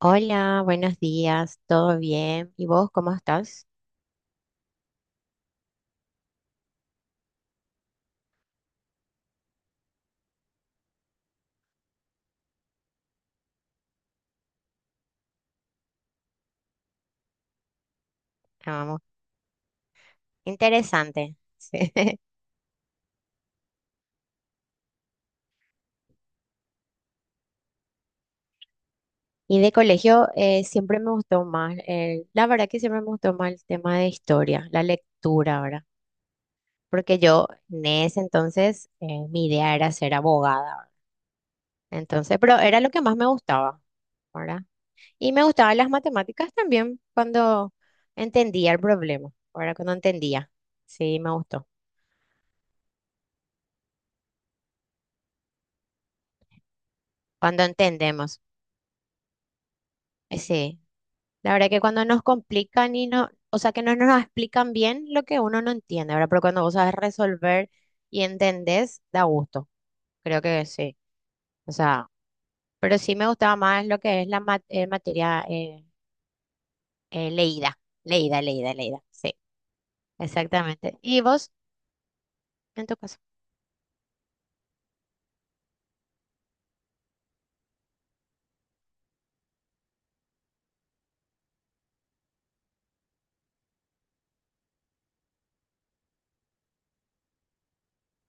Hola, buenos días, ¿todo bien? ¿Y vos cómo estás? Ah, vamos, interesante. Sí. Y de colegio siempre me gustó más, la verdad que siempre me gustó más el tema de historia, la lectura, ¿verdad? Porque yo en ese entonces mi idea era ser abogada, ¿verdad? Entonces, pero era lo que más me gustaba, ¿verdad? Y me gustaban las matemáticas también cuando entendía el problema, ¿verdad? Cuando entendía, sí, me gustó. Cuando entendemos, sí. La verdad que cuando nos complican y no, o sea, que no nos explican bien lo que uno no entiende, ¿verdad? Pero cuando vos sabes resolver y entendés, da gusto. Creo que sí. O sea, pero sí me gustaba más lo que es materia leída, leída. Sí, exactamente. ¿Y vos, en tu caso?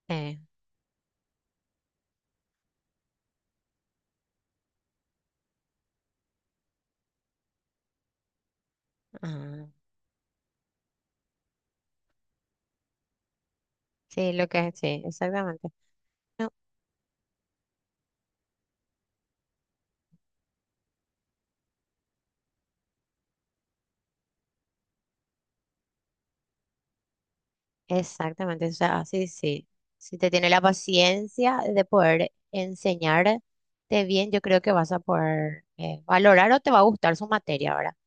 Eh, ah, sí, lo que es, sí, exactamente. Exactamente, o sea, sí, sí. Si te tiene la paciencia de poder enseñarte bien, yo creo que vas a poder valorar o te va a gustar su materia ahora.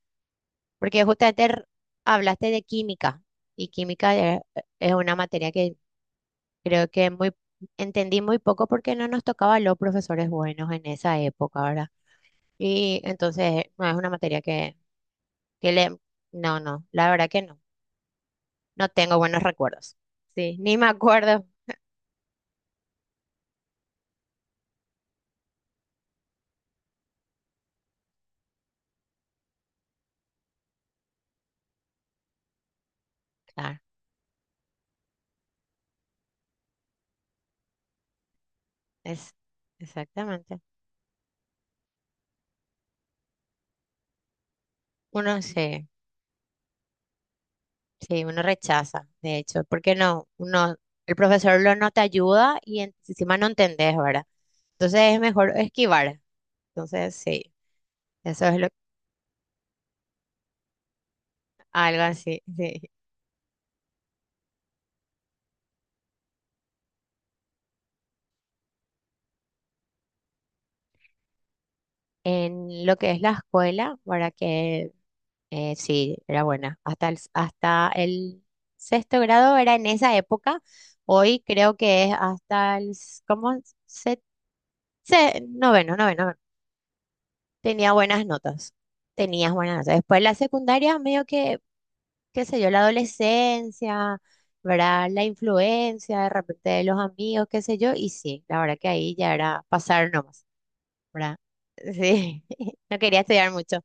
Porque justamente hablaste de química y es una materia que creo que muy entendí muy poco porque no nos tocaba los profesores buenos en esa época, ¿verdad? Y entonces no es una materia que... No, no, la verdad que no. No tengo buenos recuerdos. Sí, ni me acuerdo. Claro. Es, exactamente. Uno se, sí, uno rechaza, de hecho, porque no, uno, el profesor lo no te ayuda y encima no entendés, ¿verdad? Entonces es mejor esquivar. Entonces, sí, eso es lo, algo así, sí. En lo que es la escuela, para que sí, era buena. Hasta el sexto grado era en esa época. Hoy creo que es ¿cómo? Se, noveno, noveno. Tenía buenas notas, tenías buenas notas. Después la secundaria, medio que, qué sé yo, la adolescencia, ¿verdad? La influencia de repente de los amigos, qué sé yo, y sí, la verdad que ahí ya era pasar nomás, ¿verdad? Sí, no quería estudiar mucho.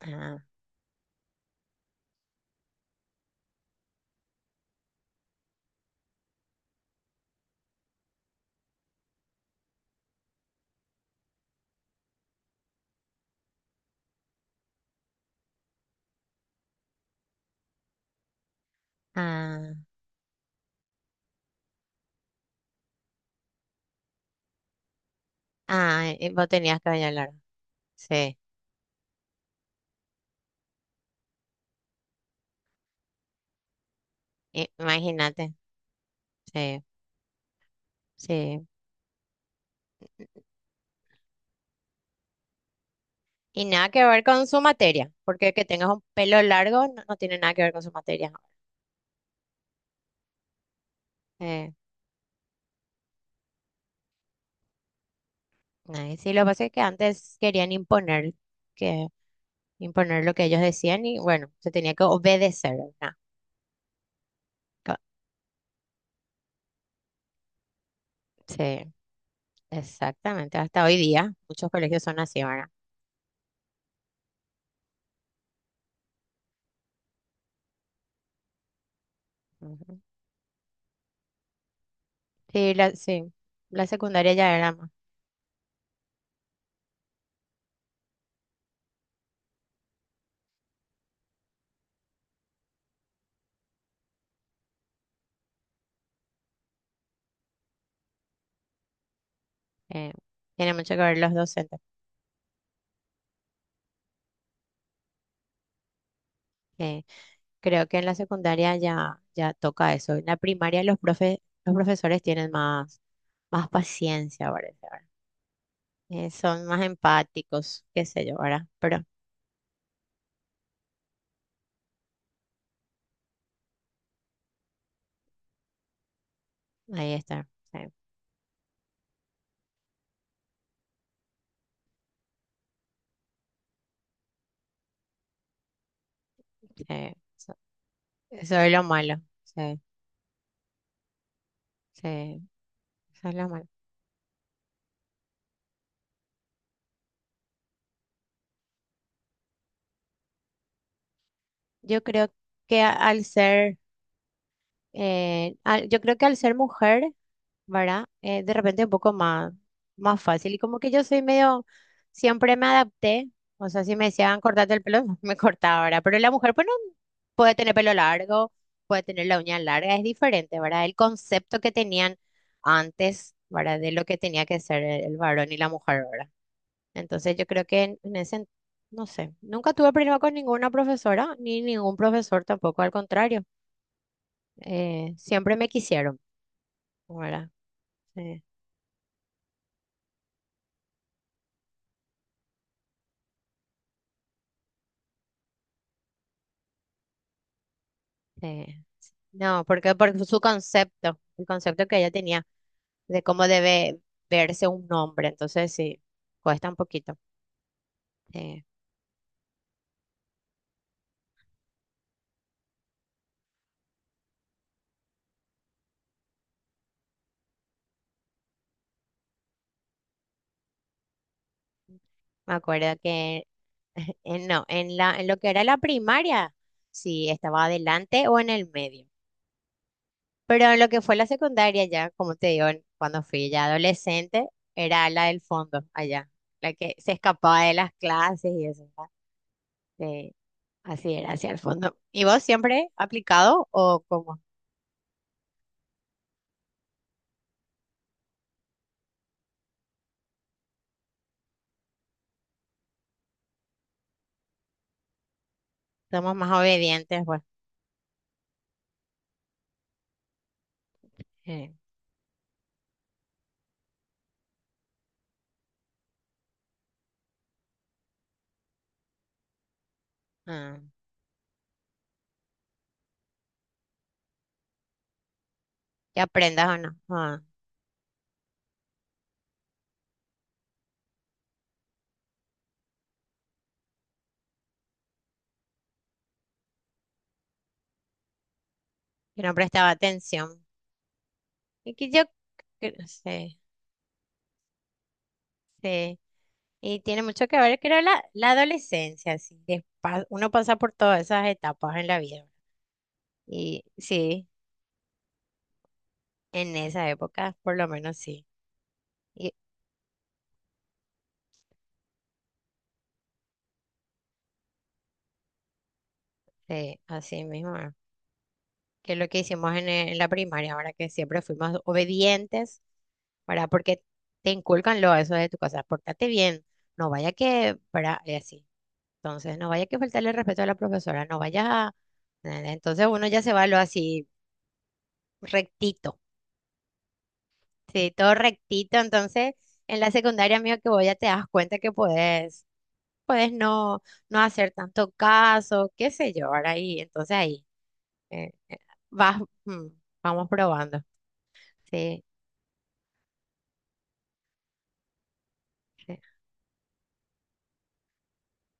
Ah, ah, ah, ¿y vos tenías cabello largo? Sí, i- imagínate, sí, sí. Y nada que ver con su materia, porque que tengas un pelo largo no, no tiene nada que ver con su materia. eh. Ay, sí, lo que pasa es que antes querían imponer que imponer lo que ellos decían y bueno, se tenía que obedecer, ¿verdad? Co- Sí, exactamente. Hasta hoy día muchos colegios son así, ¿verdad? Ujú. Sí, sí, la secundaria ya era más. eh, Tiene mucho que ver los docentes. Que creo que en la secundaria ya, ya toca eso. En la primaria los profesores tienen más, más paciencia, parece, ¿verdad? Son más empáticos, qué sé yo, ¿verdad? Pero ahí está. Sí, sí. Eso es lo malo. Sí, sí, eso es lo malo. Yo creo que yo creo que al ser mujer, ¿verdad? De repente un poco más, más fácil. Y como que yo soy medio, siempre me adapté. O sea, si me decían cortarte el pelo, me cortaba, ¿verdad? Pero la mujer, pues no puede tener pelo largo, puede tener la uña larga, es diferente, ¿verdad? El concepto que tenían antes, ¿verdad? De lo que tenía que ser el varón y la mujer, ¿verdad? Entonces yo creo que en ese, no sé, nunca tuve problema con ninguna profesora, ni ningún profesor tampoco, al contrario, siempre me quisieron, ¿verdad? Sí, sí. No, porque por su concepto, el concepto que ella tenía de cómo debe verse un hombre, entonces sí, cuesta un poquito. Sí. Me acuerdo que, no, en lo que era la primaria, sí, estaba adelante o en el medio. Pero en lo que fue la secundaria ya, como te digo, cuando fui ya adolescente, era la del fondo allá, la que se escapaba de las clases y eso, ¿verdad? Sí, así era, hacia el fondo. ¿Y vos siempre aplicado o cómo? Somos más obedientes, pues. Sí. Ah, ¿que aprendas o no? Ah, yo no prestaba atención. Y que yo, que no sé, sí. Y tiene mucho que ver, creo, la adolescencia, así, uno pasa por todas esas etapas en la vida. Y sí. En esa época, por lo menos sí. Y sí así mismo, que es lo que hicimos en la primaria, ahora que siempre fuimos obedientes, ¿verdad? Porque te inculcan lo eso de tu casa, pórtate bien, no vaya que, ¿verdad? Y así. Entonces, no vaya que faltarle el respeto a la profesora, no vaya a... ¿entendés? Entonces uno ya se va lo así rectito. Sí, todo rectito. Entonces, en la secundaria, amigo, que voy ya te das cuenta que puedes no, no hacer tanto caso, qué sé yo, ahora ahí. Entonces ahí eh, eh, vas, vamos probando. Sí, sí.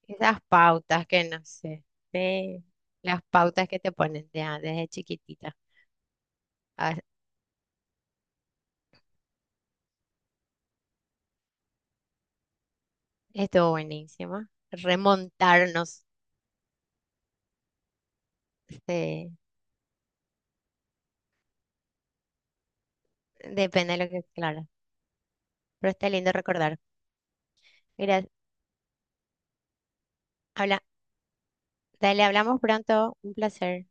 Esas pautas que no sé, sí, las pautas que te ponen desde chiquitita. Ah, estuvo buenísimo. Remontarnos, sí. Depende de lo que, claro. Pero está lindo recordar. Mira, habla, dale, hablamos pronto. Un placer.